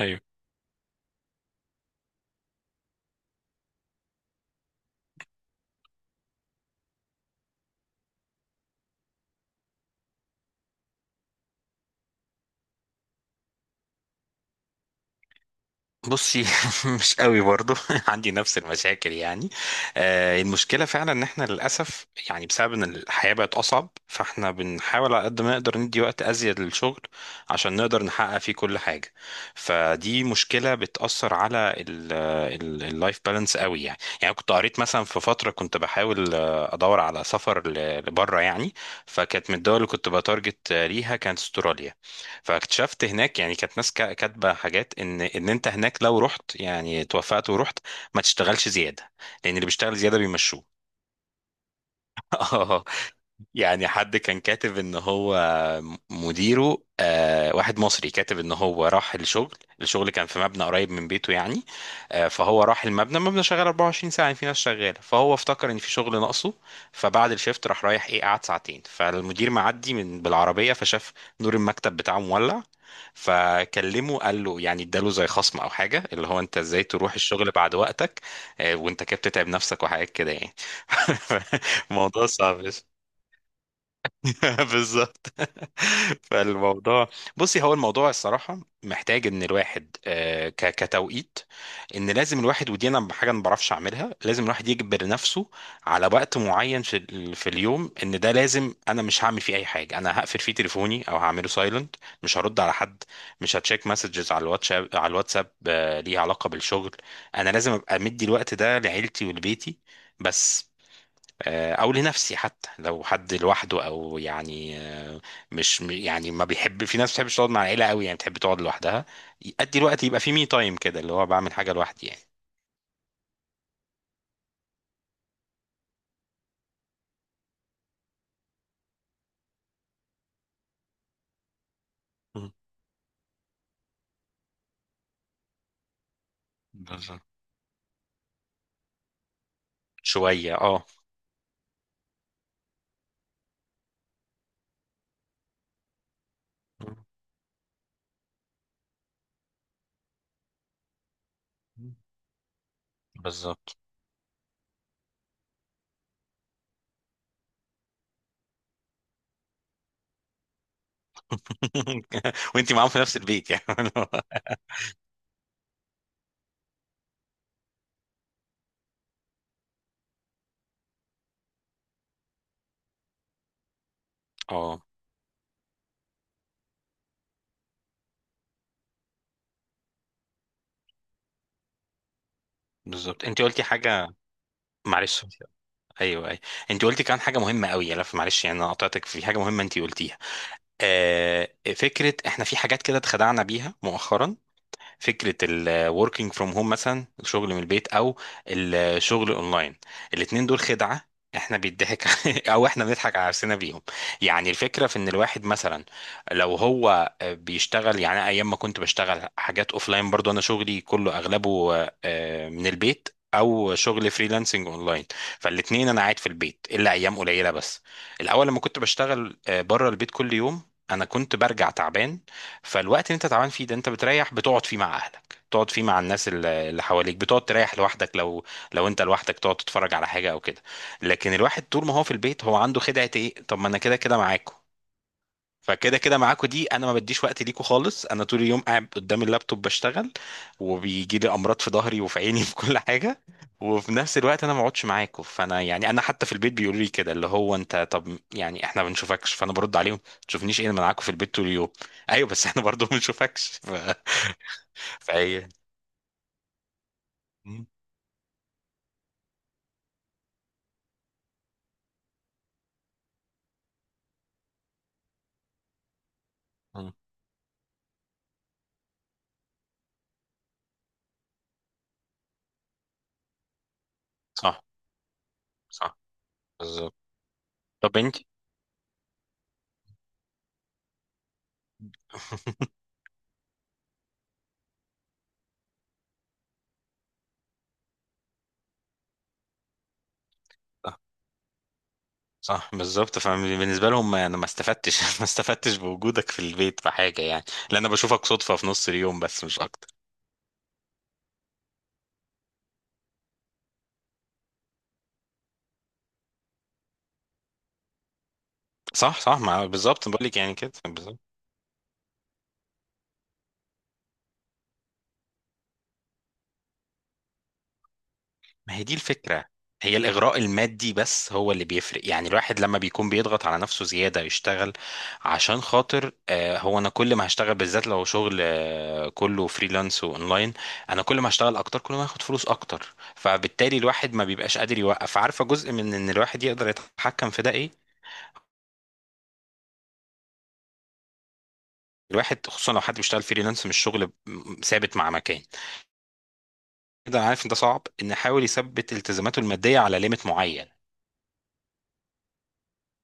ايوه، بصي. مش قوي برضو. عندي نفس المشاكل، يعني. المشكله فعلا ان احنا، للاسف، يعني بسبب ان الحياه بقت اصعب، فاحنا بنحاول على قد ما نقدر ندي وقت ازيد للشغل عشان نقدر نحقق فيه كل حاجه. فدي مشكله بتاثر على اللايف بالانس قوي، يعني كنت قريت مثلا في فتره كنت بحاول، ادور على سفر لبره، يعني. فكانت من الدول اللي كنت بتارجت، ليها، كانت استراليا. فاكتشفت هناك يعني كانت ناس كاتبه حاجات ان انت هناك لو رحت يعني توفقت ورحت ما تشتغلش زياده، لان اللي بيشتغل زياده بيمشوه. يعني حد كان كاتب ان هو مديره، واحد مصري، كاتب ان هو راح الشغل. الشغل كان في مبنى قريب من بيته، يعني. فهو راح المبنى شغال 24 ساعة، يعني في ناس شغالة، فهو افتكر ان في شغل ناقصه. فبعد الشفت راح، رايح ايه، قعد ساعتين. فالمدير معدي من بالعربية فشاف نور المكتب بتاعه مولع، فكلمه، قال له يعني اداله زي خصم او حاجة، اللي هو انت ازاي تروح الشغل بعد وقتك؟ وانت كده بتتعب نفسك، وحاجات كده، يعني. الموضوع صعب. بالظبط. فالموضوع، بصي، هو الموضوع الصراحة محتاج ان الواحد، كتوقيت، ان لازم الواحد، ودي انا حاجة ما بعرفش اعملها، لازم الواحد يجبر نفسه على وقت معين في في اليوم، ان ده لازم انا مش هعمل فيه اي حاجة، انا هقفل فيه تليفوني او هعمله سايلنت، مش هرد على حد، مش هتشيك مسجز على الواتساب ليها علاقة بالشغل. انا لازم ابقى مدي الوقت ده لعيلتي ولبيتي بس. او لنفسي، حتى لو حد لوحده، او يعني مش يعني، ما بيحب، في ناس ما بتحبش تقعد مع العيله قوي، يعني بتحب تقعد لوحدها. ادي الوقت يبقى في مي تايم، كده اللي هو بعمل حاجه لوحدي، يعني. مم. بالظبط. شويه، اه. مم. بالظبط. وانتي معاهم في نفس البيت، يعني. اه، بالظبط. انت قلتي حاجه، معلش. ايوه، ايوه، انت قلتي كان حاجه مهمه قوي، يا لف، معلش، يعني انا قطعتك في حاجه مهمه انت قلتيها. آه فكره، احنا في حاجات كده اتخدعنا بيها مؤخرا، فكره الوركينج فروم هوم مثلا، الشغل من البيت او الشغل اونلاين، الاتنين دول خدعه. احنا بيضحك او احنا بنضحك على نفسنا بيهم، يعني. الفكره في ان الواحد مثلا، لو هو بيشتغل، يعني أنا ايام ما كنت بشتغل حاجات اوفلاين برضو انا شغلي كله اغلبه من البيت، او شغل فريلانسنج اونلاين، فالاثنين انا قاعد في البيت الا ايام قليله بس. الاول لما كنت بشتغل بره البيت كل يوم انا كنت برجع تعبان. فالوقت اللي انت تعبان فيه ده انت بتريح، بتقعد فيه مع اهلك، بتقعد فيه مع الناس اللي حواليك، بتقعد تريح لوحدك، لو انت لوحدك تقعد تتفرج على حاجه او كده. لكن الواحد طول ما هو في البيت هو عنده خدعه ايه؟ طب ما انا كده كده معاكم. فكده كده معاكوا دي، انا ما بديش وقت ليكوا خالص. انا طول اليوم قاعد قدام اللابتوب بشتغل، وبيجي لي امراض في ظهري وفي عيني في كل حاجه. وفي نفس الوقت انا ما اقعدش معاكوا. فانا يعني انا حتى في البيت بيقولوا لي كده، اللي هو انت طب يعني احنا ما بنشوفكش. فانا برد عليهم: ما تشوفنيش ايه؟ انا معاكوا في البيت طول اليوم. ايوه، بس احنا برضو ما بنشوفكش ف... فهي م- م. صح، صح، بالظبط. طب انت. صح، بالظبط، فبالنسبه لهم انا ما استفدتش ما استفدتش بوجودك في البيت في حاجه، يعني، لان انا بشوفك صدفه في نص اليوم بس، مش اكتر. صح، صح، مع، بالظبط، بقول لك يعني كده بالظبط. ما هي دي الفكره، هي الاغراء المادي بس هو اللي بيفرق، يعني الواحد لما بيكون بيضغط على نفسه زياده يشتغل عشان خاطر هو انا كل ما هشتغل، بالذات لو شغل كله فريلانس واونلاين، انا كل ما هشتغل اكتر كل ما هاخد فلوس اكتر، فبالتالي الواحد ما بيبقاش قادر يوقف. عارفه جزء من ان الواحد يقدر يتحكم في ده ايه؟ الواحد، خصوصا لو حد بيشتغل فريلانس مش شغل ثابت مع مكان كده، انا عارف ان ده صعب، ان يحاول يثبت التزاماته الماديه على ليميت معين.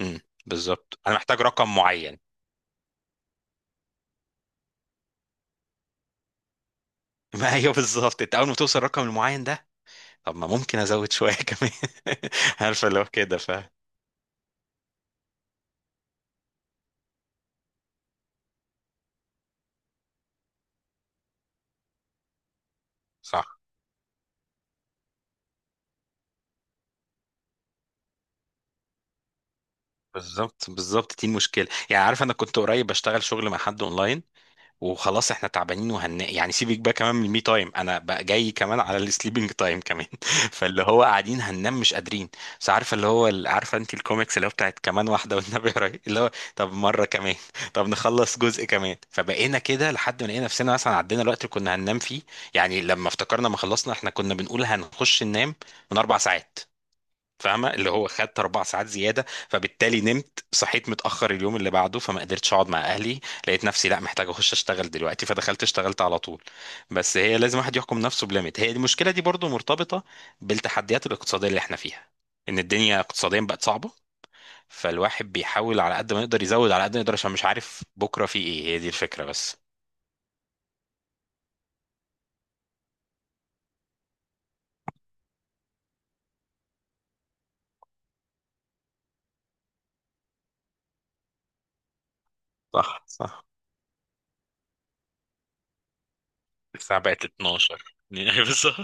امم بالظبط، انا محتاج رقم معين. ما ايوه، بالظبط، انت اول ما توصل الرقم المعين ده، طب ما ممكن ازود شويه كمان. عارفه، لو كده، ف... صح، بالظبط، بالظبط، دي المشكله، يعني. عارف، انا كنت قريب بشتغل شغل مع حد اونلاين، وخلاص احنا تعبانين وهن، يعني سيبك بقى كمان من المي تايم، انا بقى جاي كمان على السليبنج تايم كمان فاللي هو قاعدين هننام مش قادرين، بس عارفه اللي هو عارفه انت الكوميكس اللي هو بتاعت، كمان واحده والنبي، رايح اللي هو طب مره كمان طب نخلص جزء كمان، فبقينا كده لحد ما لقينا نفسنا مثلا عدينا الوقت اللي كنا هننام فيه. يعني لما افتكرنا ما خلصنا، احنا كنا بنقول هنخش ننام من 4 ساعات. فاهمه اللي هو خدت 4 ساعات زياده. فبالتالي نمت صحيت متاخر اليوم اللي بعده، فما قدرتش اقعد مع اهلي، لقيت نفسي لا محتاج اخش اشتغل دلوقتي، فدخلت اشتغلت على طول. بس هي لازم واحد يحكم نفسه بليميت. هي المشكله دي برضو مرتبطه بالتحديات الاقتصاديه اللي احنا فيها، ان الدنيا اقتصاديا بقت صعبه، فالواحد بيحاول على قد ما يقدر يزود على قد ما يقدر عشان مش عارف بكره في ايه. هي دي الفكره بس. صح، صح. الساعه بقت 12. بالظبط.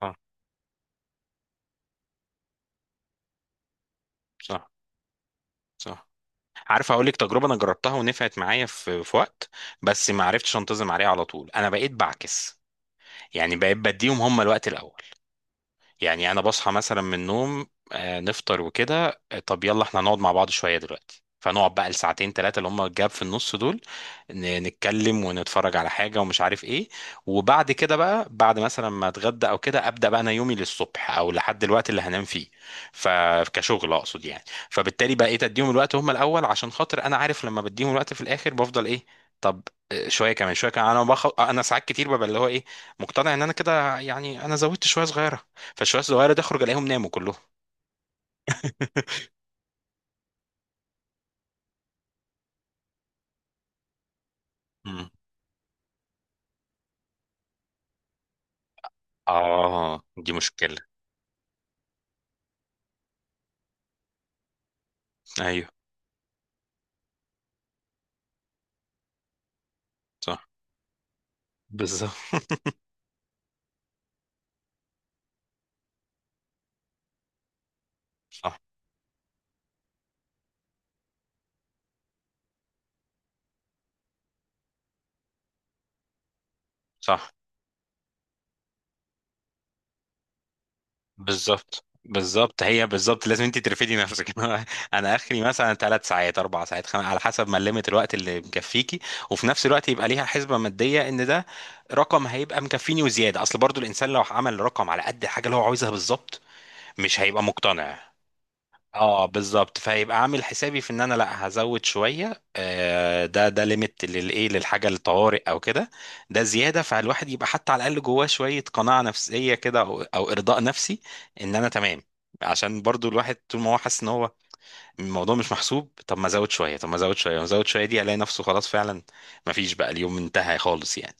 صح، صح، صح. عارف اقول لك تجربه انا جربتها ونفعت معايا في وقت، بس ما عرفتش انتظم عليها على طول. انا بقيت بعكس، يعني بقيت بديهم هم الوقت الاول. يعني انا بصحى مثلا من النوم نفطر وكده، طب يلا احنا نقعد مع بعض شويه دلوقتي، فنقعد بقى الساعتين ثلاثه اللي هم الجاب في النص دول، نتكلم ونتفرج على حاجه ومش عارف ايه. وبعد كده بقى، بعد مثلا ما اتغدى او كده، ابدا بقى انا يومي للصبح او لحد الوقت اللي هنام فيه، فكشغل اقصد، يعني. فبالتالي بقى ايه، تديهم الوقت هم الاول، عشان خاطر انا عارف لما بديهم الوقت في الاخر بفضل ايه، طب شويه كمان، شويه كمان، انا ساعات كتير ببقى اللي هو ايه، مقتنع ان انا كده، يعني انا زودت شويه صغيره. فالشوية الصغيرة دي اخرج الاقيهم ناموا كلهم. مم. اه، دي مشكلة. ايوه، صح، بالظبط. صح، صح، بالظبط، بالظبط، هي بالظبط، لازم انت ترفدي نفسك. انا اخري مثلا 3 ساعات، اربع ساعات، خمس، على حسب ما ليميت الوقت اللي مكفيكي، وفي نفس الوقت يبقى ليها حسبه ماديه ان ده رقم هيبقى مكفيني وزياده، اصل برضو الانسان لو عمل رقم على قد الحاجه اللي هو عاوزها بالظبط، مش هيبقى مقتنع. اه، بالظبط، فهيبقى عامل حسابي في ان انا لا، هزود شويه ده ليميت للايه، للحاجه الطوارئ او كده، ده زياده. فالواحد يبقى حتى على الاقل جواه شويه قناعه نفسيه كده، او ارضاء نفسي ان انا تمام، عشان برضو الواحد طول ما هو حاسس ان هو الموضوع مش محسوب، طب ما ازود شويه طب ما ازود شويه ما ازود شويه دي، الاقي نفسه خلاص فعلا ما فيش بقى، اليوم انتهى خالص، يعني.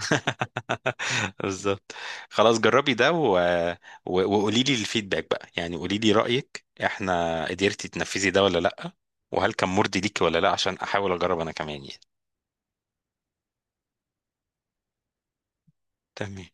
بالظبط، خلاص جربي ده وقولي لي الفيدباك بقى، يعني قولي لي رأيك، احنا قدرتي تنفذي ده ولا لأ، وهل كان مرضي ليكي ولا لأ، عشان احاول اجرب انا كمان، يعني. تمام.